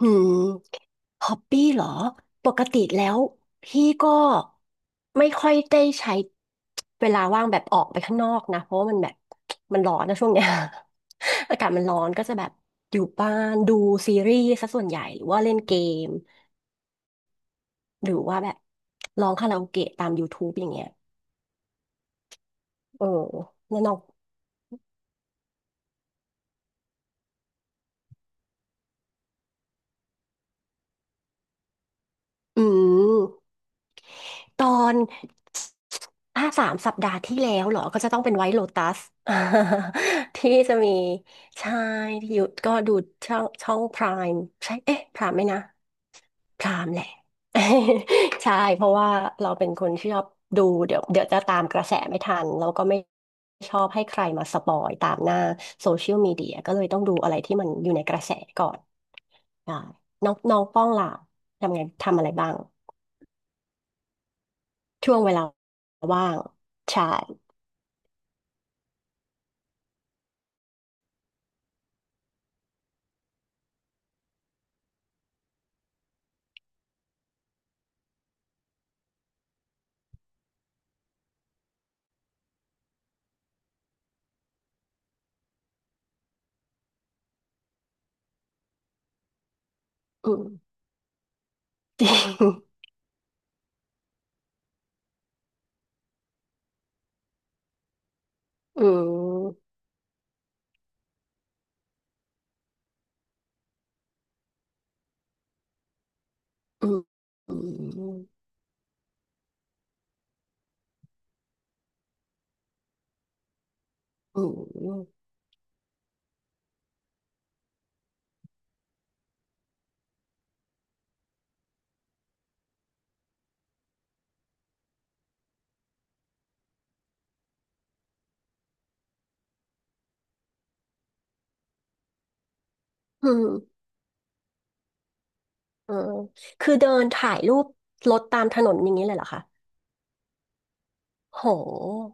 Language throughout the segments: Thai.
หืมฮอปปี้เหรอ ปกติแล้วพี่ก็ไม่ค่อยได้ใช้เวลาว่างแบบออกไปข้างนอกนะ เพราะว่ามันแบบมันร้อนนะช่วงเนี้ย อากาศมันร้อนก็จะแบบอยู่บ้านดูซีรีส์ซะส่วนใหญ่หรือว่าเล่นเกมหรือว่าแบบร้องคาราโอเกะตาม YouTube อย่างเงี้ยเออแล้วน้องอืม ตอนสามสัปดาห์ที่แล้วเหรอ ก็จะต้องเป็นไวท์โลตัส ที่จะมีใช่ที่อยู่ก็ดูช่องช่องพรามใช่เอ๊ะพรามไหมนะพรามแหละ ใช่เพราะว่าเราเป็นคนที่ชอบดูเดี๋ยวจะตามกระแสไม่ทันแล้วก็ไม่ชอบให้ใครมาสปอยตามหน้าโซเชียลมีเดียก็เลยต้องดูอะไรที่มันอยู่ในกระแสก่อนอ่าน้องน้องป้องล่ะทำไงทำอะไรบ้างช่วงเวลาว่างใช่ อืมจริงอืมอืมอืมอืมอืมเออคือเดินถ่ายรูปรถตามถนนอย่างนี้เลยเหรอคะโห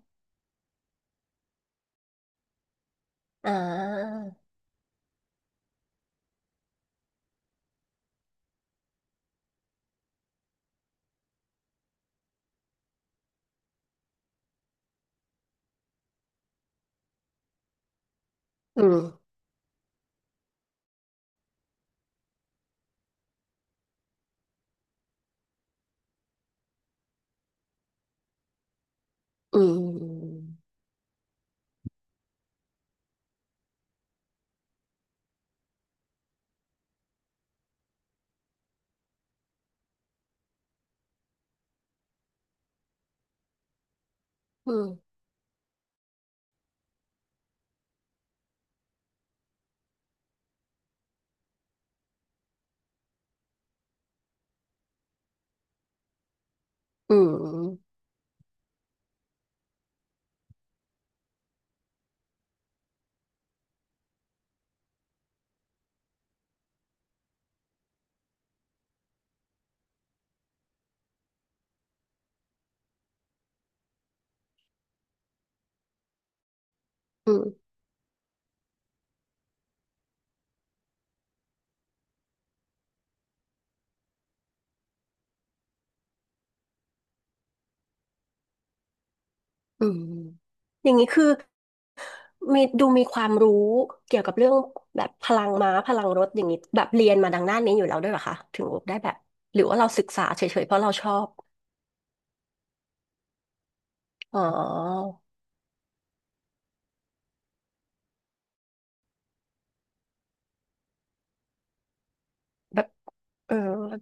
อ่าอืมอืมอืมอืมอืมอืมอย่างนี้คือมีดูมีความรู้เกี่ยวกับเรื่องแบบพลังม้าพลังรถอย่างนี้แบบเรียนมาดังด้านนี้อยู่แล้วด้วยเหรอคะถึงได้แบบหรือว่าเราศึกษาเฉยๆเพราะเราชอบ อ๋อ เออ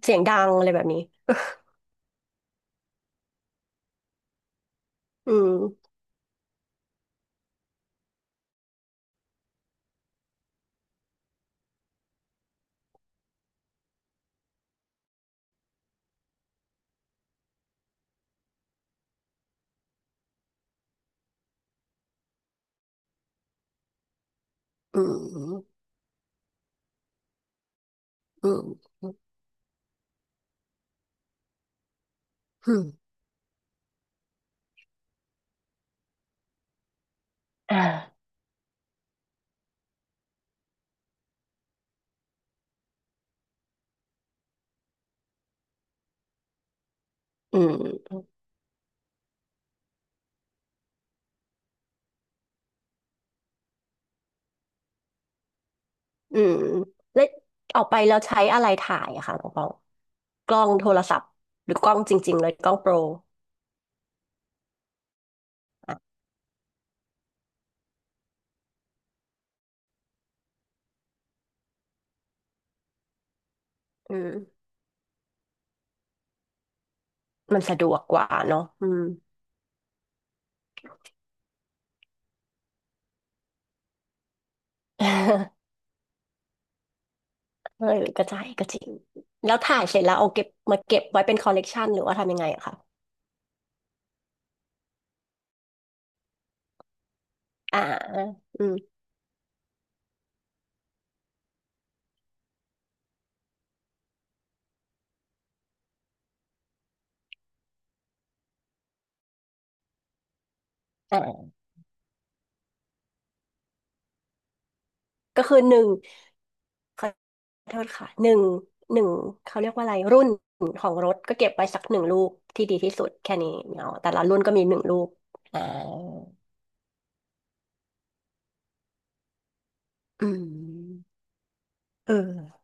เสียงดังอะไรแบบนี้ อืมอืมอืมอืมอ่าอืมอืมแล้วออกไปแล้วใช้อะไรถ่ายอะค่ะน้องปองกล้องโทรศัพท์หรือกล้องจริงๆเลยกล้องโปรอ่ะอืมมันสะดวกกว่าเนาะอืม เออก็ใช่ก็จริงแล้วถ่ายเสร็จแล้วเอาเก็บมาเก็บไว้เป็นคอลเลกชันหรือว่าทำยังไงอะคะอ่าอืมอ่าก็คือหนึ่ง ขอโทษค่ะหนึ่งหนึ่งเขาเรียกว่าอะไรรุ่นของรถก็เก็บไว้สักหนึ่งลูกที่ดีที่สุดแค่นี้เนาะแต่ละรุ่นก็มีหนึ่งลูกอ่าอืมเออ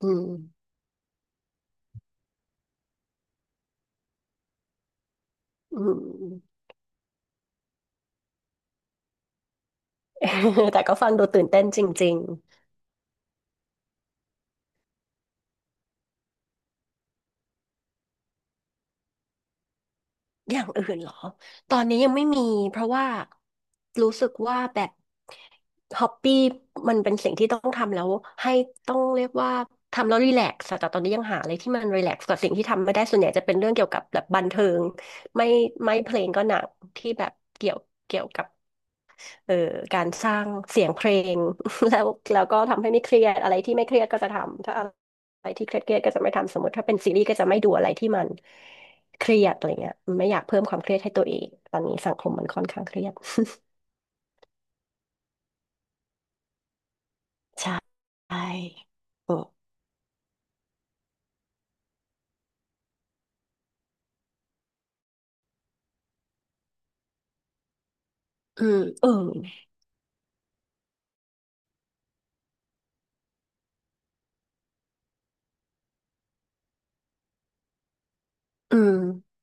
อืมอืม แต่ก็ฟังดูตื่นเต้นจริงๆอย่างอื่นเหรอตอนนี้ยังไม่มีเพราะว่ารู้สึกว่าแบต ฮอปปี้มันเป็นสิ่งที่ต้องทำแล้วให้ต้องเรียกว่าทำแล้วรีแลกซ์แต่ตอนนี้ยังหาอะไรที่มันรีแลกซ์กว่าสิ่งที่ทำไม่ได้ส่วนใหญ่จะเป็นเรื่องเกี่ยวกับแบบบันเทิงไม่ไม่เพลงก็หนักที่แบบเกี่ยวเกี่ยวกับเอ่อการสร้างเสียงเพลง แล้วแล้วก็ทำให้ไม่เครียดอะไรที่ไม่เครียดก็จะทำถ้าอะไรที่เครียดก็จะไม่ทำสมมติถ้าเป็นซีรีส์ก็จะไม่ดูอะไรที่มันเครียดอะไรเงี้ยไม่อยากเพิ่มความเครียดให้ตัวเองตอนนี้สังคมมันค่อนข้างเครียด ใช่เออ อืมเอออืม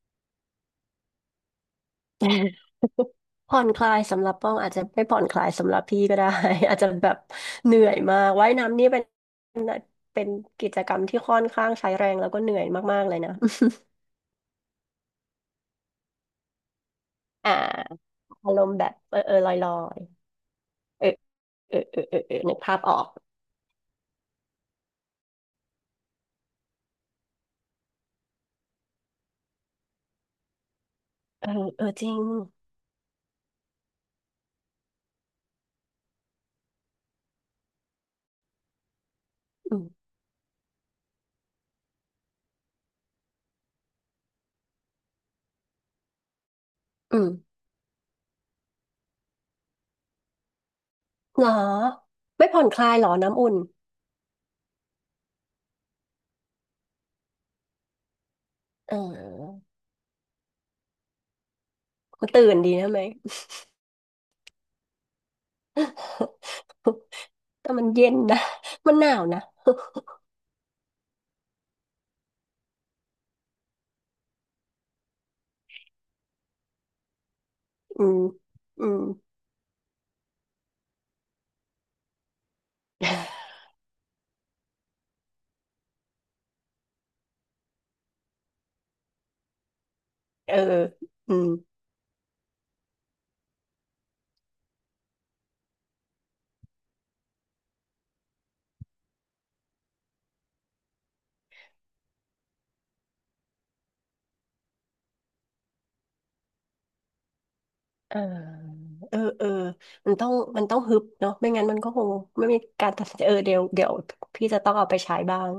ผ่อนคลายสำหรับป้องอาจจะไม่ผ่อนคลายสำหรับพี่ก็ได้ อาจจะแบบเหนื่อยมากว่ายน้ำนี่เป็นกิจกรรมที่ค่อนข้างใช้แรงแล้วก็เหนื่อยมากๆเลยนะ อ่าอารมณ์แบบเออเออลอยลอยเออเออเออเออเออนึกภาพออกเออเออจริงอืมอืมหรอไม่ผ่อนคลายหรอน้ำอุ่นเออตื่นดีนะไหม แต่มันเย็นนะมันหนาวนะ อืมอืม เอออืมเออเออเออ มันต้องมันต้องฮึบเนาะไม่งั้นมันก็คงไม่มีการตัดสินใจเออเดี๋ยวพี่จะต้องเอาไปใช้บ้าง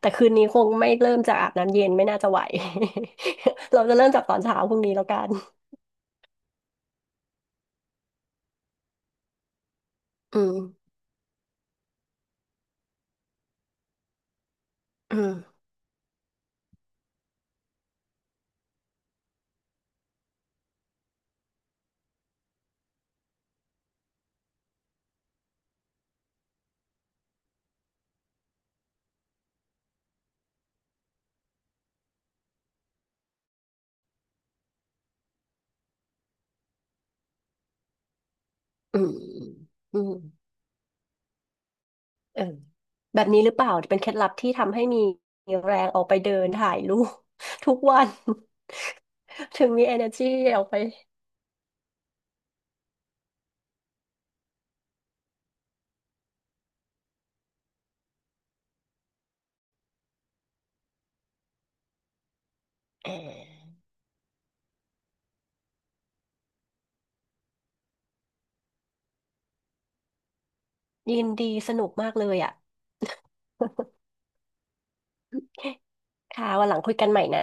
แต่คืนนี้คงไม่เริ่มจากอาบน้ำเย็นไม่น่าจะไหว เราจะเริ่มจากตอนเช้าพรุ่งนี้แล้วกันอืมอืมอืมอืมเออแบบนี้หรือเปล่าเป็นเคล็ดลับที่ทำให้มีแรงออกไปเดินถ่ายรูป ทุกวัน ถึงมี energy ออกไป ยินดีสนุกมากเลยอ่ะค่ะวันหลังคุยกันใหม่นะ